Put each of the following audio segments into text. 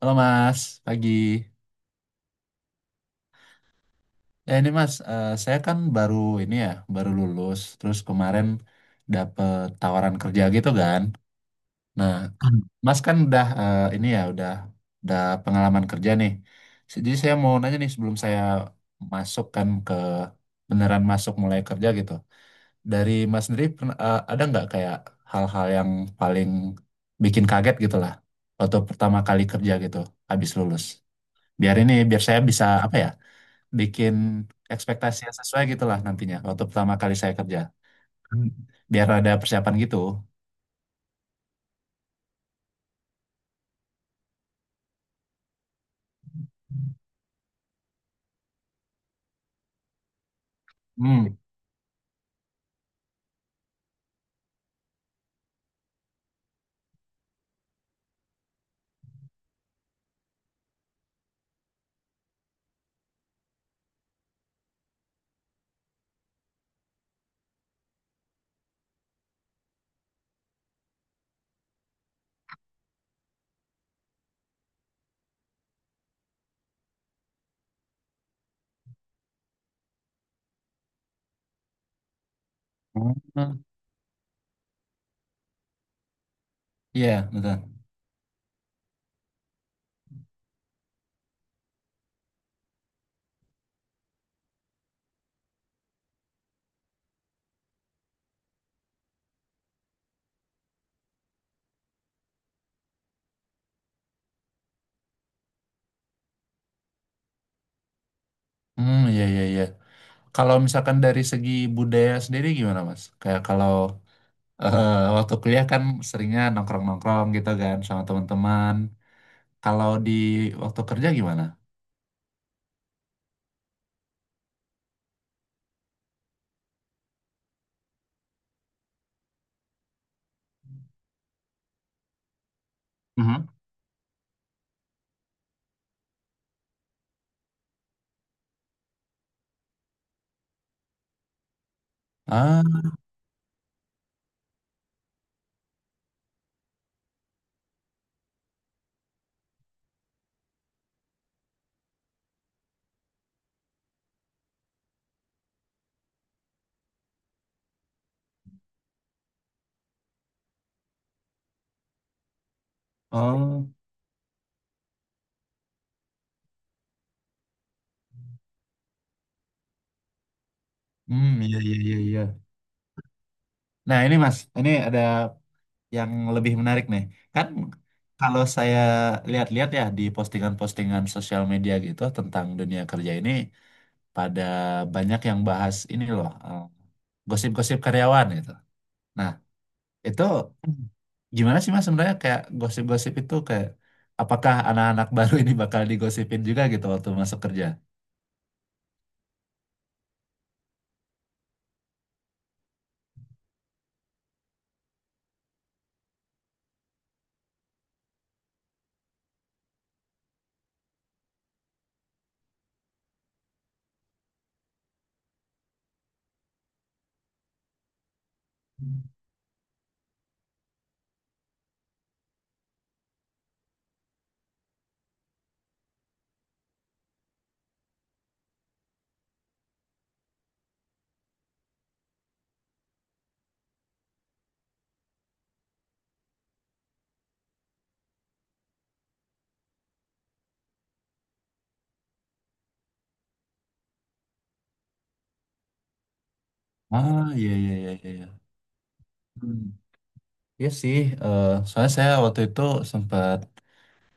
Halo Mas, pagi. Ya ini Mas, saya kan baru ini ya, baru lulus. Terus kemarin dapet tawaran kerja gitu kan. Nah, Mas kan udah ini ya, udah pengalaman kerja nih. Jadi saya mau nanya nih sebelum saya masuk kan ke beneran masuk mulai kerja gitu. Dari Mas sendiri ada nggak kayak hal-hal yang paling bikin kaget gitu lah waktu pertama kali kerja gitu habis lulus. Biar saya bisa apa ya? Bikin ekspektasi yang sesuai gitu lah nantinya waktu pertama kali saya kerja. Hmm. Biar ada persiapan gitu. Hmm. Hmm. Iya, betul. Hmm, iya, iya, iya. Kalau misalkan dari segi budaya sendiri gimana, Mas? Kayak kalau eh, waktu kuliah kan seringnya nongkrong-nongkrong gitu kan sama teman-teman. Kalau di waktu kerja gimana? Mhm. Ah, oh, hmm, iya, iya, iya, iya. Nah, ini Mas, ini ada yang lebih menarik nih. Kan kalau saya lihat-lihat ya di postingan-postingan sosial media gitu tentang dunia kerja ini pada banyak yang bahas ini loh, gosip-gosip karyawan gitu. Nah, itu gimana sih Mas sebenarnya kayak gosip-gosip itu kayak apakah anak-anak baru ini bakal digosipin juga gitu waktu masuk kerja? Ah, iya, iya, iya, iya, iya. Hmm. Iya sih, soalnya saya waktu itu sempat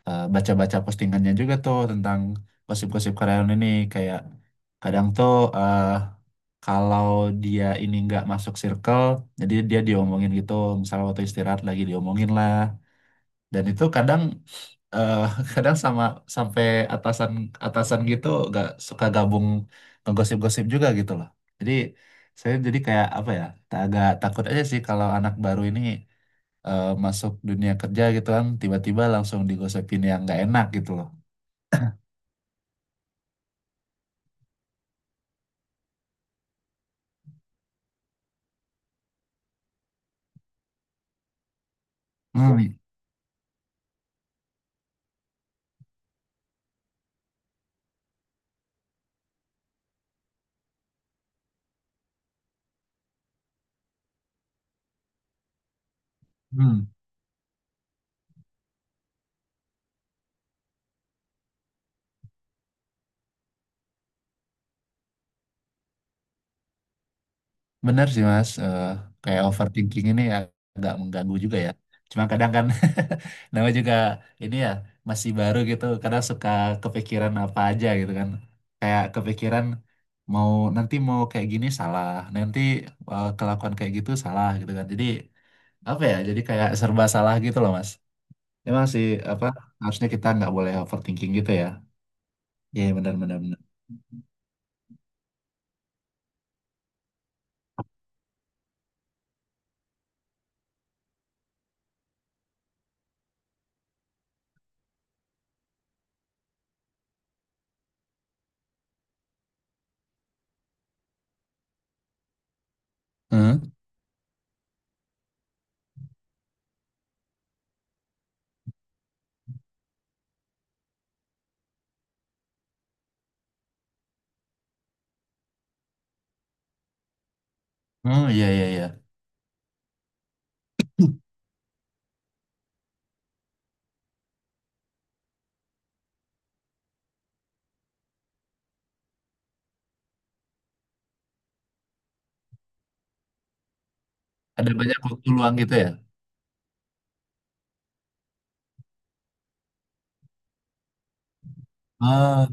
baca-baca postingannya juga tuh tentang gosip-gosip karyawan ini kayak kadang tuh, eh, kalau dia ini nggak masuk circle jadi dia diomongin gitu, misalnya waktu istirahat lagi diomongin lah, dan itu kadang eh, kadang sama sampai atasan atasan gitu gak suka gabung ngegosip-gosip juga gitu loh. Jadi saya jadi kayak apa ya, agak takut aja sih kalau anak baru ini masuk dunia kerja gitu kan tiba-tiba langsung digosipin yang nggak enak gitu loh. Hmm. Hmm. Benar sih Mas. Kayak overthinking ini ya agak mengganggu juga ya. Cuma kadang kan namanya juga ini ya masih baru gitu, kadang suka kepikiran apa aja gitu kan. Kayak kepikiran mau nanti mau kayak gini salah, nanti kelakuan kayak gitu salah gitu kan. Jadi apa ya? Jadi kayak serba salah gitu loh Mas. Emang sih apa harusnya kita nggak boleh overthinking gitu ya. Iya, benar, benar, benar. Hmm? Oh, iya, iya, iya. Ada banyak waktu luang gitu ya. Oh.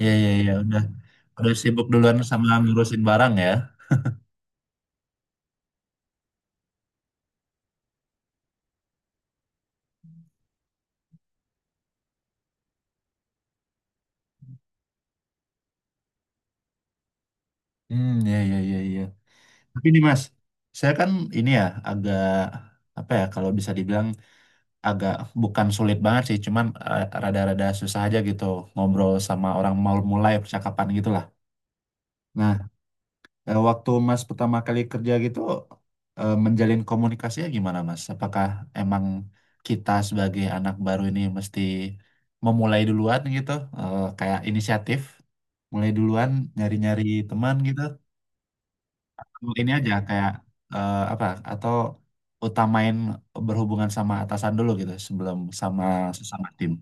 Iya, iya, iya, udah. Udah sibuk duluan sama ngurusin barang ya. Hmm, iya, iya, iya, iya. Tapi nih Mas, saya kan ini ya agak apa ya kalau bisa dibilang agak bukan sulit banget sih, cuman rada-rada susah aja gitu ngobrol sama orang mau mulai percakapan gitu lah. Nah, waktu Mas pertama kali kerja gitu, menjalin komunikasinya gimana Mas? Apakah emang kita sebagai anak baru ini mesti memulai duluan gitu, kayak inisiatif, mulai duluan nyari-nyari teman gitu? Atau ini aja kayak apa? Atau utamain berhubungan sama atasan dulu gitu sebelum sama sesama tim?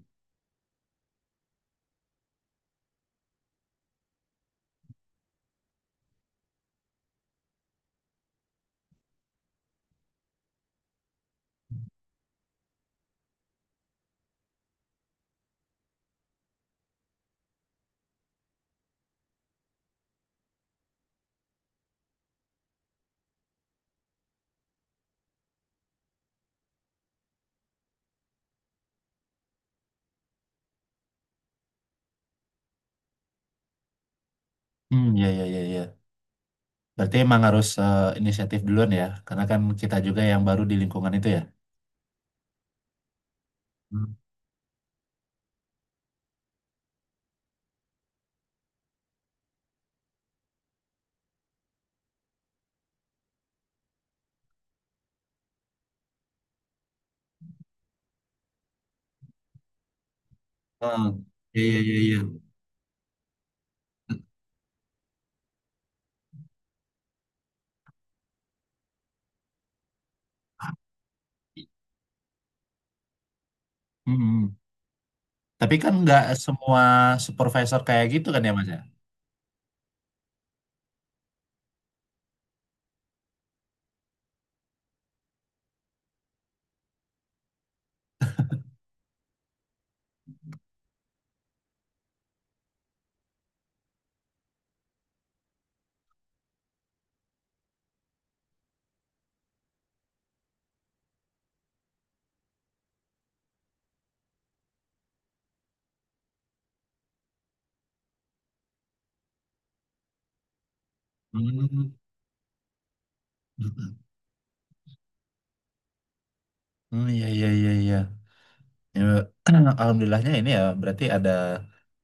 Hmm, ya, ya, ya, ya. Berarti emang harus inisiatif duluan ya, karena kan kita juga yang baru di lingkungan itu ya. Ah, iya, iya, iya, iya. Mm-mm. Tapi kan nggak semua supervisor kayak gitu kan ya Mas ya? Hmm. Hmm, iya, iya, iya, iya. Ya, kan alhamdulillahnya ini ya berarti ada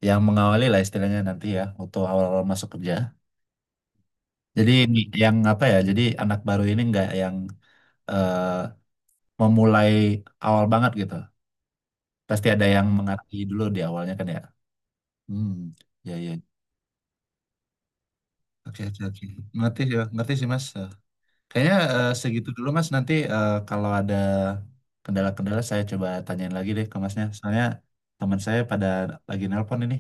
yang mengawali lah istilahnya nanti ya waktu awal-awal masuk kerja. Jadi ini yang apa ya? Jadi anak baru ini nggak yang eh, memulai awal banget gitu. Pasti ada yang mengerti dulu di awalnya kan ya. Hmm, iya, iya. Oke, oke, oke. Ngerti sih, ngerti sih Mas. Kayaknya segitu dulu Mas. Nanti kalau ada kendala-kendala saya coba tanyain lagi deh ke Masnya. Soalnya teman saya pada lagi nelpon ini.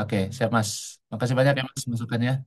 Oke, siap Mas. Makasih banyak ya Mas masukannya.